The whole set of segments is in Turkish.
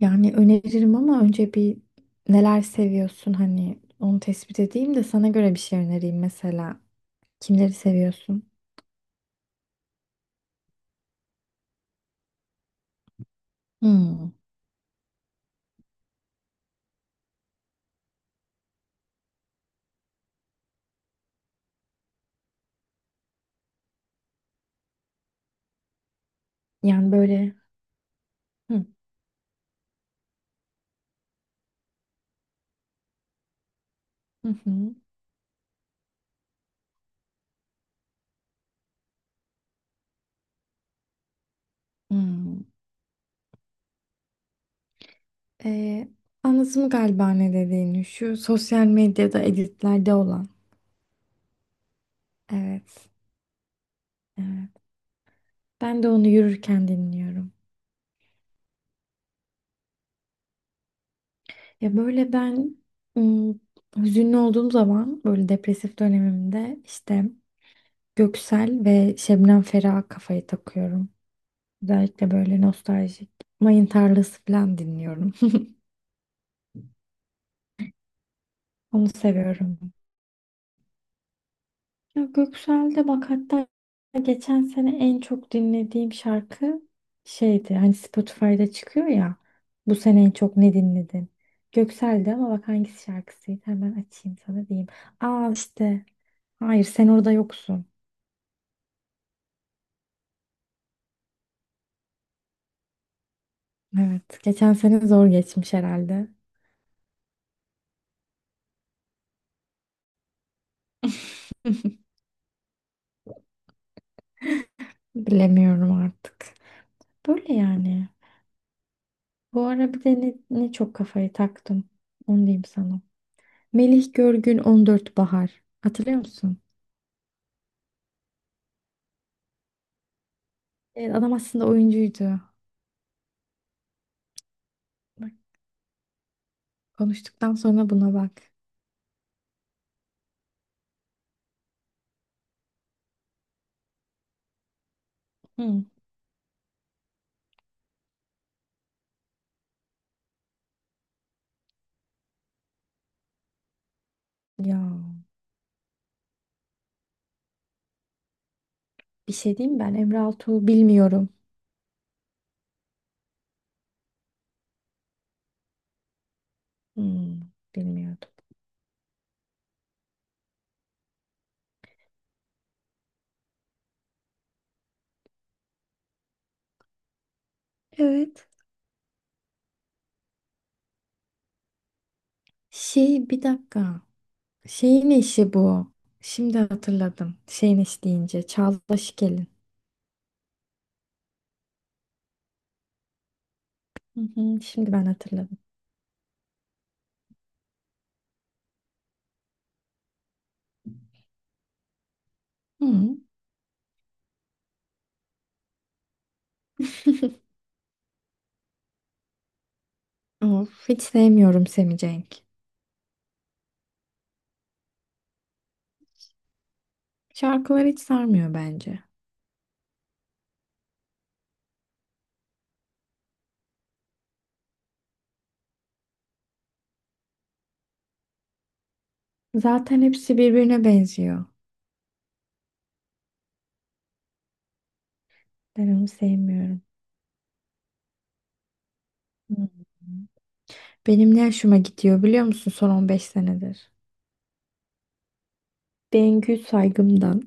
Yani öneririm ama önce bir neler seviyorsun hani onu tespit edeyim de sana göre bir şey önereyim mesela. Kimleri seviyorsun? Hmm. Yani böyle hı hı hı. Hmm. Ee, Anladım galiba ne dediğini. Şu sosyal medyada editlerde olan. Evet. Evet. Ben de onu yürürken dinliyorum. Ya böyle ben hmm, hüzünlü olduğum zaman böyle depresif dönemimde işte Göksel ve Şebnem Ferah kafayı takıyorum. Özellikle böyle nostaljik mayın tarlası falan dinliyorum. Onu seviyorum. Ya Göksel'de bak hatta geçen sene en çok dinlediğim şarkı şeydi. Hani Spotify'da çıkıyor ya. Bu sene en çok ne dinledin? Göksel'de ama bak hangisi şarkısıydı? Hemen açayım sana diyeyim. Aa işte. Hayır sen orada yoksun. Evet. Geçen sene zor geçmiş herhalde. Bilemiyorum artık. Böyle yani. Bu ara bir de ne çok kafayı taktım. Onu diyeyim sana. Melih Görgün 14 Bahar. Hatırlıyor musun? Evet, adam aslında oyuncuydu. Bak, konuştuktan sonra buna bak. Hı. Ya bir şey diyeyim mi ben Emre Altuğ'u bilmiyorum. Hmm, bilmiyordum. Evet. Şey bir dakika. Şeyin eşi bu. Şimdi hatırladım. Şeyin eşi deyince. Çağla Şikel'in. Hı hı, şimdi ben hatırladım. Hı. Of, hiç sevmiyorum Semih Cenk. Şarkılar hiç sarmıyor bence. Zaten hepsi birbirine benziyor. Ben onu sevmiyorum. Hmm. Benim ne hoşuma gidiyor biliyor musun son 15 senedir? Bengü Saygım'dan.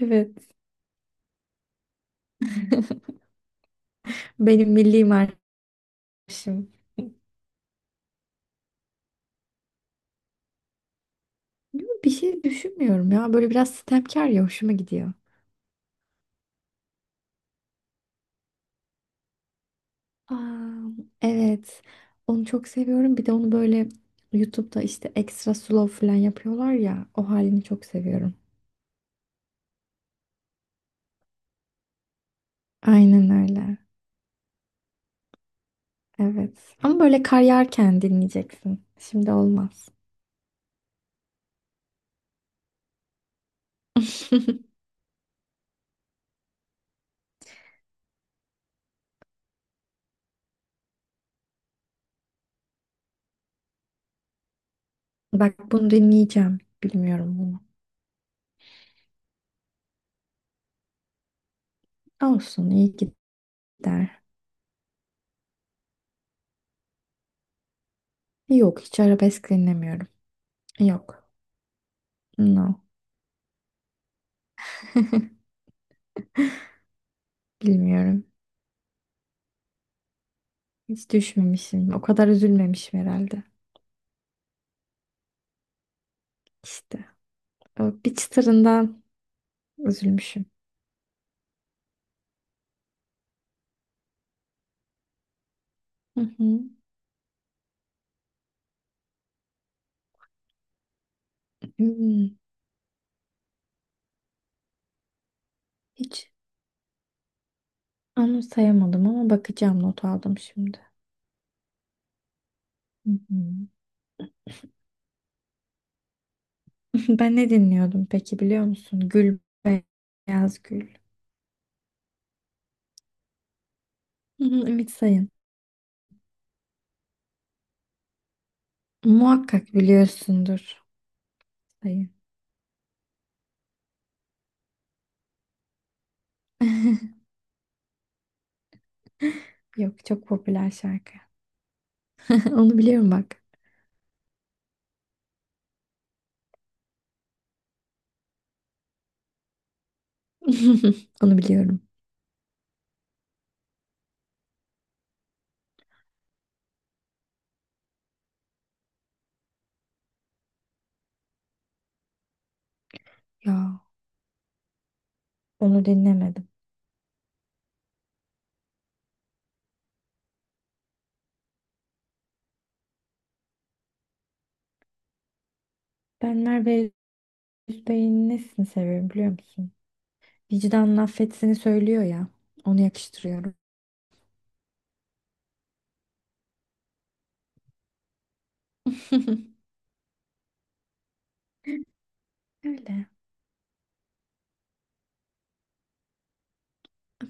Evet. Benim milli marşım. Yo, bir şey düşünmüyorum ya. Böyle biraz sitemkar ya hoşuma gidiyor. Aa, evet. Onu çok seviyorum. Bir de onu böyle YouTube'da işte ekstra slow falan yapıyorlar ya. O halini çok seviyorum. Aynen öyle. Evet. Ama böyle kar yağarken dinleyeceksin. Şimdi olmaz. Bak bunu dinleyeceğim. Bilmiyorum bunu. Olsun iyi gider. Yok hiç arabesk dinlemiyorum. Yok. No. Bilmiyorum. Hiç düşmemişim. O kadar üzülmemişim herhalde. İşte o bir çıtırından üzülmüşüm. Hı hı. Hmm. Hiç anımsayamadım ama bakacağım. Not aldım şimdi. Hı hı. Ben ne dinliyordum peki biliyor musun? Gül Beyaz Gül. Hı hı, Ümit Sayın. Muhakkak biliyorsundur Sayın. Yok çok popüler şarkı. Onu biliyorum bak. Onu biliyorum. Ya onu dinlemedim. Ben Merve Özbey'in nesini seviyorum biliyor musun? Vicdanın affetsini söylüyor ya. Onu yakıştırıyorum. Öyle.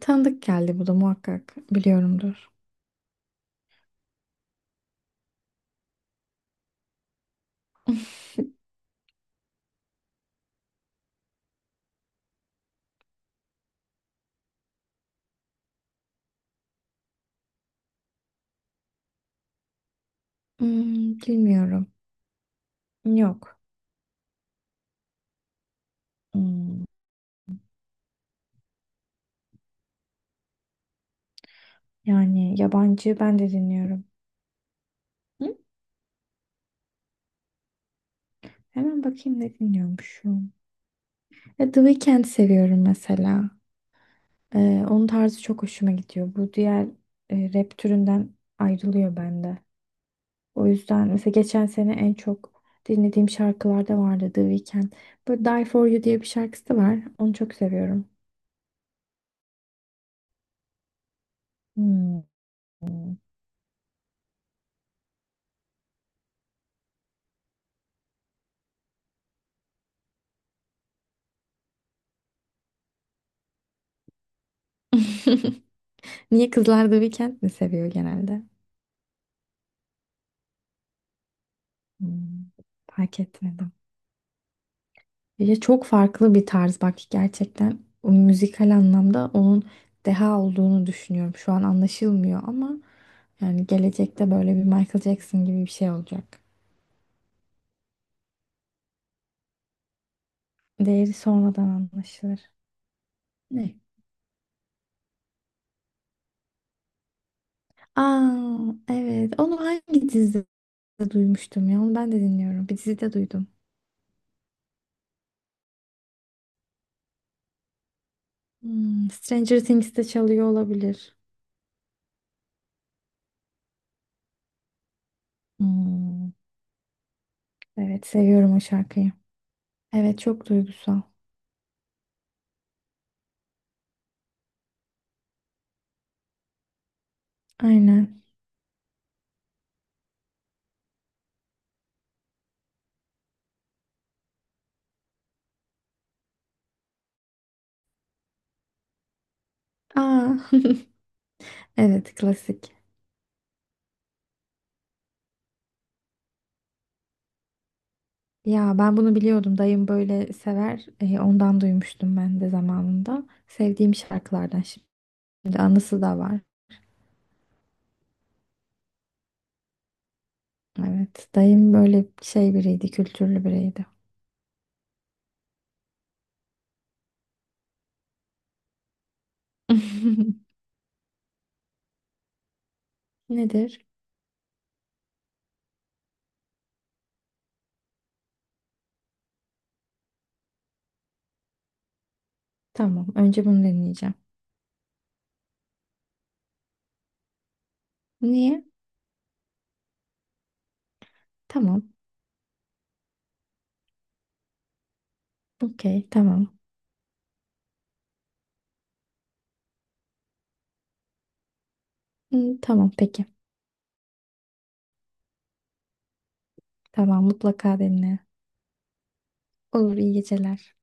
Tanıdık geldi bu da muhakkak biliyorumdur. Hmm, bilmiyorum. Yok. Hmm, Yani yabancı ben de dinliyorum. Hı? Hemen bakayım ne dinliyormuşum. Ya The Weeknd seviyorum mesela. Ee, Onun tarzı çok hoşuma gidiyor. Bu diğer rap türünden ayrılıyor bende. O yüzden mesela geçen sene en çok dinlediğim şarkılarda vardı The Weeknd. Böyle Die For You diye bir şarkısı da var. Onu çok seviyorum. Hmm. Niye kızlar The Weeknd mi seviyor genelde? Hmm, Fark etmedim. Ya çok farklı bir tarz bak gerçekten o müzikal anlamda onun deha olduğunu düşünüyorum. Şu an anlaşılmıyor ama yani gelecekte böyle bir Michael Jackson gibi bir şey olacak. Değeri sonradan anlaşılır. Ne? Aa evet onu hangi dizide duymuştum ya onu ben de dinliyorum. Bir dizide duydum. Stranger Things'te çalıyor olabilir. Hmm, evet seviyorum o şarkıyı. Evet çok duygusal. Aynen. Aa evet klasik. Ya ben bunu biliyordum. Dayım böyle sever. E, ondan duymuştum ben de zamanında. Sevdiğim şarkılardan şimdi anısı da var. Evet. Dayım böyle şey biriydi, kültürlü biriydi. Nedir? Tamam. Önce bunu deneyeceğim. Niye? Tamam. Okey. Tamam. Hı, tamam. Peki. Tamam. Mutlaka dinle. Olur. iyi geceler.